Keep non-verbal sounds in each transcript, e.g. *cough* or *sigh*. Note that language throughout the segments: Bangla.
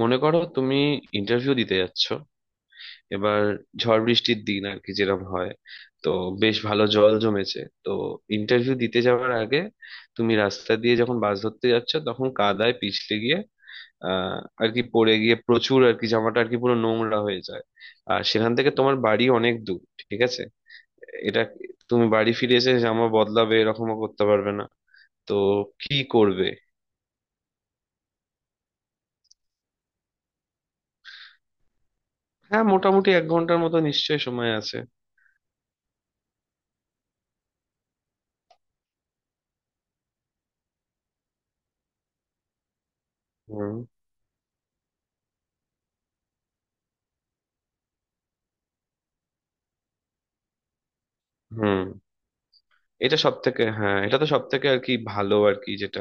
মনে করো তুমি ইন্টারভিউ দিতে যাচ্ছ। এবার ঝড় বৃষ্টির দিন আর কি, যেরকম হয়। তো বেশ ভালো জল জমেছে। তো ইন্টারভিউ দিতে যাওয়ার আগে তুমি রাস্তা দিয়ে যখন বাস ধরতে যাচ্ছ, তখন কাদায় পিছলে গিয়ে আহ আর কি পড়ে গিয়ে প্রচুর আর কি জামাটা আর কি পুরো নোংরা হয়ে যায়। আর সেখান থেকে তোমার বাড়ি অনেক দূর। ঠিক আছে? এটা, তুমি বাড়ি ফিরে এসে জামা বদলাবে এরকমও করতে পারবে না। তো কি করবে? হ্যাঁ, মোটামুটি 1 ঘন্টার মতো নিশ্চয়ই সময় আছে। হুম। হুম। এটা সব থেকে হ্যাঁ এটা তো সব থেকে আর কি ভালো আর কি, যেটা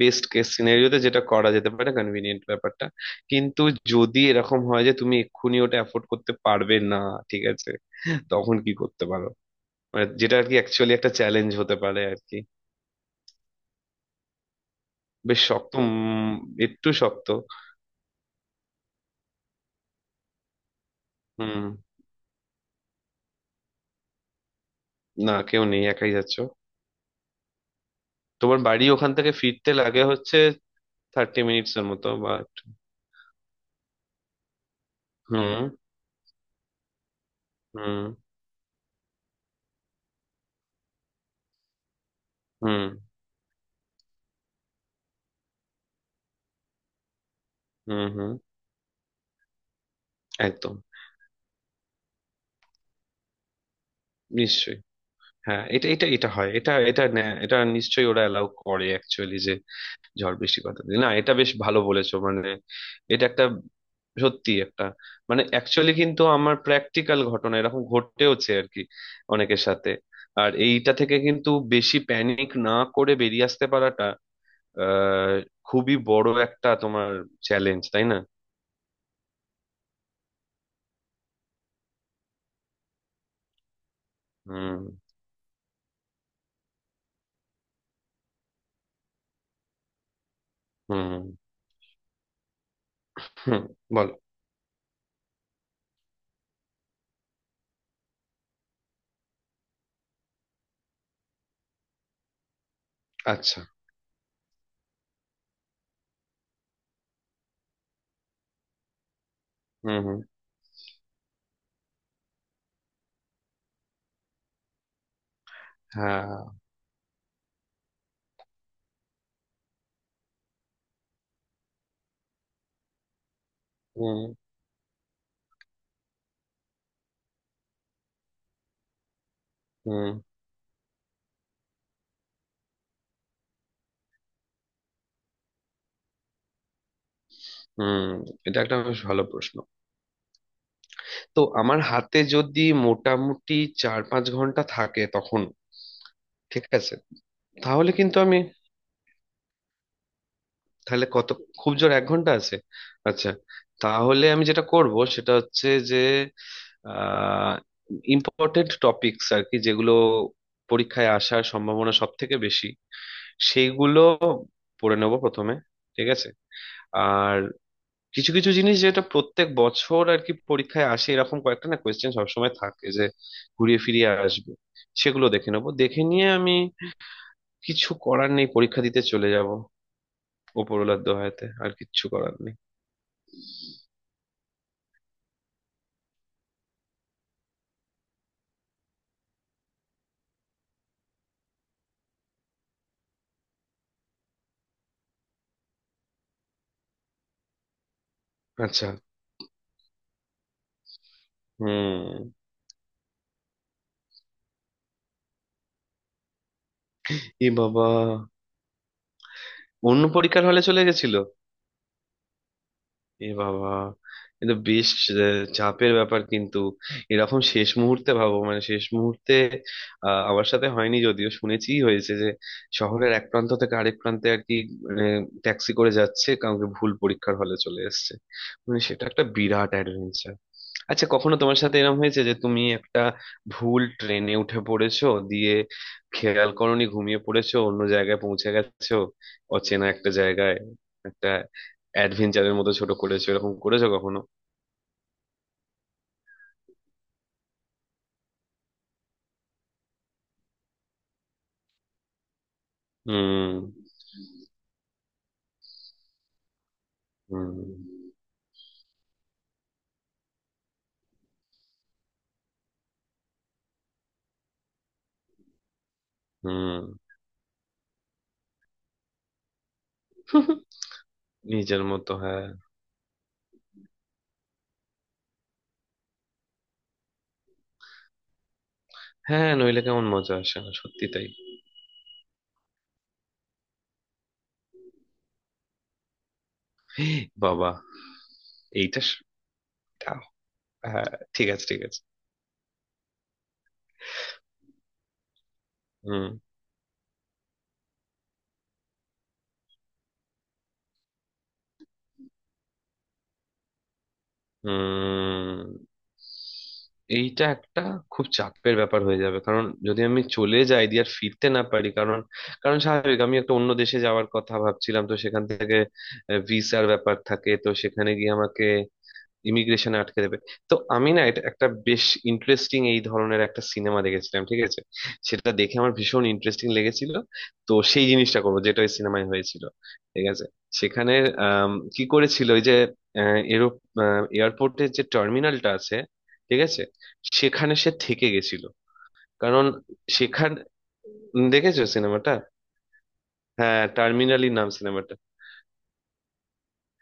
বেস্ট কেস সিনারিওতে যেটা করা যেতে পারে। কনভিনিয়েন্ট ব্যাপারটা। কিন্তু যদি এরকম হয় যে তুমি এক্ষুনি ওটা অ্যাফোর্ড করতে পারবে না, ঠিক আছে, তখন কি করতে পারো? মানে যেটা আর কি অ্যাকচুয়ালি একটা চ্যালেঞ্জ হতে পারে আর কি। বেশ শক্ত। একটু শক্ত। হুম। না, কেউ নেই, একাই যাচ্ছ। তোমার বাড়ি ওখান থেকে ফিরতে লাগে হচ্ছে 30 মিনিটস এর মতো বা একটু- হুম। হুম। হুম। হুম। হুম। একদম। নিশ্চয়ই। হ্যাঁ এটা এটা এটা হয় এটা এটা ন্যা- এটা নিশ্চয়ই ওরা অ্যালাউ করে অ্যাকচুয়ালি, যে ঝড় বৃষ্টি কথা দিয়ে না। এটা বেশ ভালো বলেছো, মানে এটা একটা সত্যি একটা, মানে অ্যাকচুয়ালি কিন্তু আমার প্র্যাকটিক্যাল ঘটনা এরকম ঘটেওছে আর কি, অনেকের সাথে। আর এইটা থেকে কিন্তু বেশি প্যানিক না করে বেরিয়ে আসতে পারাটা আহ খুবই বড় একটা তোমার চ্যালেঞ্জ, তাই না? হুম। হুম। হুম। বল। আচ্ছা। হুম। হুম। হ্যাঁ। হুম। হুম। হুম। এটা একটা বেশ ভালো প্রশ্ন। তো আমার হাতে যদি মোটামুটি 4-5 ঘন্টা থাকে তখন, ঠিক আছে, তাহলে কিন্তু আমি— তাহলে কত, খুব জোর 1 ঘন্টা আছে। আচ্ছা। তাহলে আমি যেটা করব সেটা হচ্ছে যে আহ ইম্পর্টেন্ট টপিকস আর কি, যেগুলো পরীক্ষায় আসার সম্ভাবনা সব থেকে বেশি, সেইগুলো পড়ে নেব প্রথমে। ঠিক আছে। আর কিছু কিছু জিনিস যেটা প্রত্যেক বছর আর কি পরীক্ষায় আসে, এরকম কয়েকটা না কোয়েশ্চেন সবসময় থাকে যে ঘুরিয়ে ফিরিয়ে আসবে, সেগুলো দেখে নেবো। দেখে নিয়ে আমি, কিছু করার নেই, পরীক্ষা দিতে চলে যাব। ওপরওয়ালার দোহাইতে আর কিচ্ছু করার নেই। আচ্ছা। হুম। এ বাবা। অন্য পরীক্ষার হলে চলে গেছিল। এ বাবা। এ তো বেশ চাপের ব্যাপার কিন্তু। এরকম শেষ মুহূর্তে ভাবো, মানে শেষ মুহূর্তে আমার সাথে হয়নি, যদিও শুনেছি হয়েছে যে শহরের এক প্রান্ত থেকে আরেক প্রান্তে আর কি, মানে ট্যাক্সি করে যাচ্ছে কাউকে, ভুল পরীক্ষার হলে চলে এসেছে। মানে সেটা একটা বিরাট অ্যাডভেঞ্চার। আচ্ছা, কখনো তোমার সাথে এরকম হয়েছে যে তুমি একটা ভুল ট্রেনে উঠে পড়েছো, দিয়ে খেয়াল করোনি, ঘুমিয়ে পড়েছো, অন্য জায়গায় পৌঁছে গেছো, অচেনা একটা জায়গায়, একটা অ্যাডভেঞ্চারের মতো ছোট করেছো, এরকম করেছো কখনো? হুম। হুম। হুম। নিজের মতো, হ্যাঁ। হ্যাঁ, নইলে কেমন মজা আসে না, সত্যি তাই। বাবা। এইটা স- দাও। হ্যাঁ, ঠিক আছে, ঠিক আছে। হুম। হুম। এইটা একটা খুব চাপের ব্যাপার হয়ে যাবে, কারণ যদি আমি চলে যাই দিয়ে আর ফিরতে না পারি, কারণ কারণ স্বাভাবিক আমি একটা অন্য দেশে যাওয়ার কথা ভাবছিলাম, তো সেখান থেকে ভিসার ব্যাপার থাকে, তো সেখানে গিয়ে আমাকে ইমিগ্রেশনে আটকে দেবে। তো আমি না, এটা একটা বেশ ইন্টারেস্টিং, এই ধরনের একটা সিনেমা দেখেছিলাম, ঠিক আছে, সেটা দেখে আমার ভীষণ ইন্টারেস্টিং লেগেছিল। তো সেই জিনিসটা করবো যেটা ওই সিনেমায় হয়েছিল। ঠিক আছে। সেখানে, কি করেছিল, ওই যে এরো এয়ারপোর্টের যে টার্মিনালটা আছে, ঠিক আছে, সেখানে সে থেকে গেছিল। কারণ সেখান— দেখেছো সিনেমাটা? হ্যাঁ, টার্মিনালি নাম সিনেমাটা।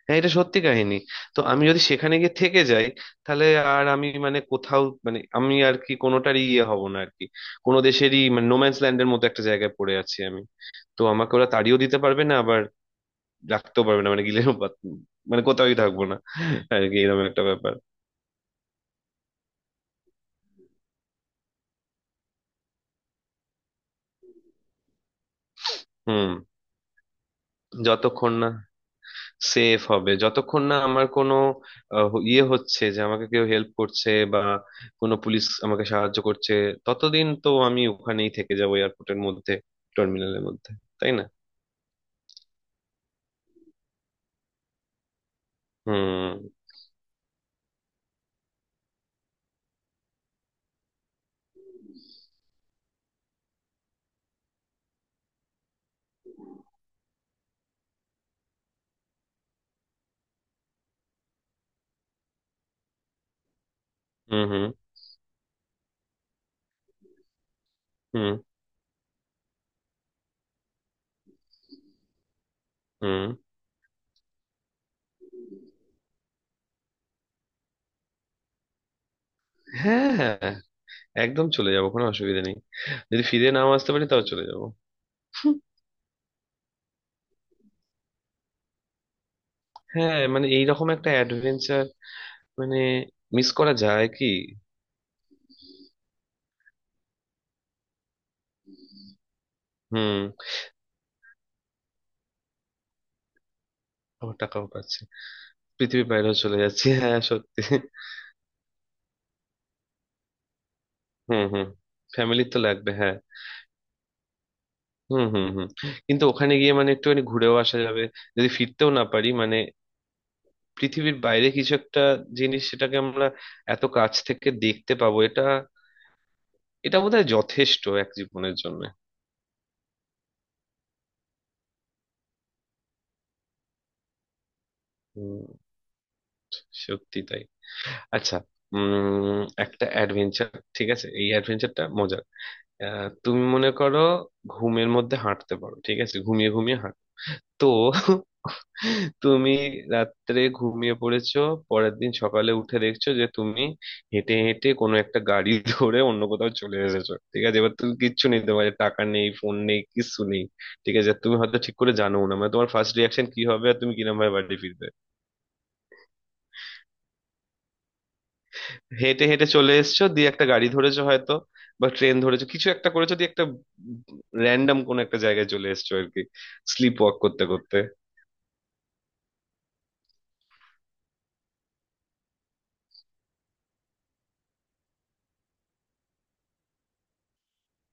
হ্যাঁ, এটা সত্যি কাহিনী। তো আমি যদি সেখানে গিয়ে থেকে যাই, তাহলে আর আমি মানে কোথাও মানে আমি আর কি কোনোটারই ইয়ে হব না আর কি, কোনো দেশেরই। মানে নোম্যান্স ল্যান্ডের মতো একটা জায়গায় পড়ে আছি আমি। তো আমাকে ওরা তাড়িয়েও দিতে পারবে না, আবার রাখতেও পারবে না। মানে মানে কোথাওই থাকবো না আর কি, এরকম একটা ব্যাপার। হুম। যতক্ষণ না সেফ হবে, যতক্ষণ না আমার কোনো ইয়ে হচ্ছে, যে আমাকে কেউ হেল্প করছে বা কোনো পুলিশ আমাকে সাহায্য করছে, ততদিন তো আমি ওখানেই থেকে যাবো এয়ারপোর্টের মধ্যে, টার্মিনালের মধ্যে, তাই না? হুম। হুম। হুম। হুম। হুম। হ্যাঁ, হ্যাঁ, একদম চলে যাবো, কোনো অসুবিধা নেই। যদি ফিরে নাও আসতে পারি তাও চলে যাবো। হ্যাঁ, মানে এইরকম একটা অ্যাডভেঞ্চার মানে মিস করা যায় কি? হুম। আমার টাকাও পাচ্ছে, পৃথিবীর বাইরেও চলে যাচ্ছি। হ্যাঁ, সত্যি। হুম। হুম। ফ্যামিলি তো লাগবে, হ্যাঁ। হুম। হুম। হুম। কিন্তু ওখানে গিয়ে মানে একটুখানি ঘুরেও আসা যাবে, যদি ফিরতেও না পারি মানে। পৃথিবীর বাইরে কিছু একটা জিনিস সেটাকে আমরা এত কাছ থেকে দেখতে পাবো, এটা এটা বোধহয় যথেষ্ট এক জীবনের জন্য। হুম, সত্যি তাই। আচ্ছা। একটা অ্যাডভেঞ্চার, ঠিক আছে, এই অ্যাডভেঞ্চারটা মজার। তুমি মনে করো ঘুমের মধ্যে হাঁটতে পারো, ঠিক আছে, ঘুমিয়ে ঘুমিয়ে হাঁটো। তো তুমি রাত্রে ঘুমিয়ে পড়েছো, পরের দিন সকালে উঠে দেখছো যে তুমি হেঁটে হেঁটে কোনো একটা গাড়ি *laughs* ধরে অন্য কোথাও চলে এসেছো। ঠিক আছে, এবার তুমি কিচ্ছু নেই, তোমার টাকা নেই, ফোন নেই, কিচ্ছু নেই। ঠিক আছে, তুমি হয়তো ঠিক করে জানো না মানে তোমার ফার্স্ট রিয়াকশন কি হবে আর তুমি কিরম ভাবে বাড়ি ফিরবে। হেঁটে হেঁটে চলে এসেছো দিয়ে একটা গাড়ি ধরেছো হয়তো, বা ট্রেন ধরেছো, কিছু একটা করেছো দিয়ে একটা র্যান্ডম কোন একটা জায়গায় চলে এসেছো আর কি, স্লিপ ওয়াক করতে করতে।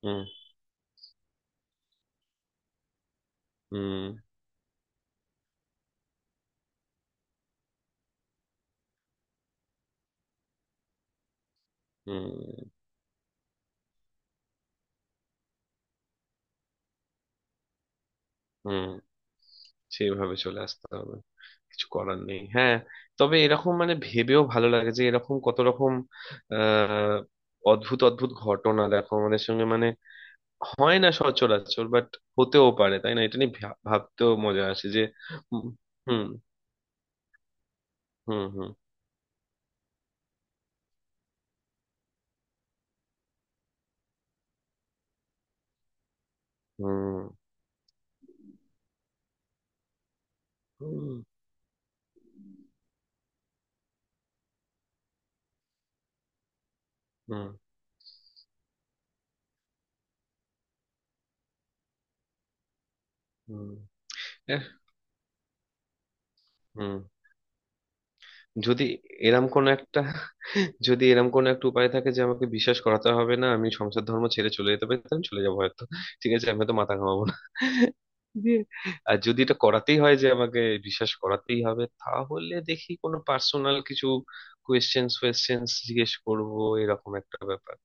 হুম। হুম। হুম। হুম। সেইভাবে চলে আসতে হবে, কিছু করার নেই, হ্যাঁ। তবে এরকম মানে ভেবেও ভালো লাগে, যে এরকম কত রকম আহ অদ্ভুত অদ্ভুত ঘটনা দেখো আমাদের সঙ্গে মানে, হয় না সচরাচর, বাট হতেও পারে, তাই না? এটা নিয়ে ভাবতেও মজা আসে যে— হুম। হুম। হুম। হুম। হুম। হুম। হুম। হুম, এহ, হুম। যদি এরম কোন একটা যদি এরম কোন একটা উপায় থাকে যে আমাকে বিশ্বাস করাতে হবে না, আমি সংসার ধর্ম ছেড়ে চলে যেতে পারি, তাহলে আমি চলে যাবো হয়তো। ঠিক আছে, আমি তো মাথা ঘামাবো না দিয়ে। আর যদি এটা করাতেই হয় যে আমাকে বিশ্বাস করাতেই হবে, তাহলে দেখি, কোনো পার্সোনাল কিছু কোয়েশ্চেন্স ফোয়েশ্চেন্স জিজ্ঞেস করব, এরকম একটা ব্যাপার।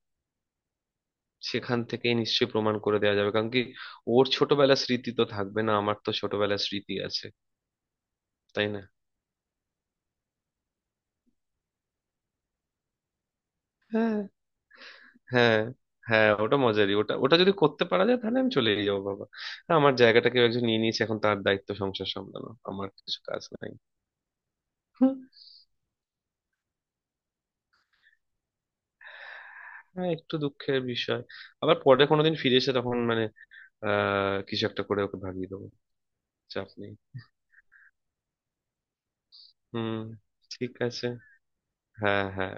সেখান থেকে নিশ্চয়ই প্রমাণ করে দেওয়া যাবে, কারণ কি, ওর ছোটবেলার স্মৃতি তো থাকবে না, আমার তো ছোটবেলার স্মৃতি আছে। তাই না? হ্যাঁ, হ্যাঁ। হ্যাঁ, ওটা মজারই। ওটা ওটা যদি করতে পারা যায় তাহলে আমি চলেই যাবো বাবা। হ্যাঁ, আমার জায়গাটা কেউ একজন নিয়ে নিয়েছে, এখন তার দায়িত্ব সংসার সামলানো, আমার কিছু কাজ নাই। হুম, হ্যাঁ, একটু দুঃখের বিষয়। আবার পরে কোনোদিন ফিরে এসে তখন মানে কিছু একটা করে ওকে ভাগিয়ে দেবো। চাপ নেই। হুম। ঠিক আছে। হ্যাঁ, হ্যাঁ।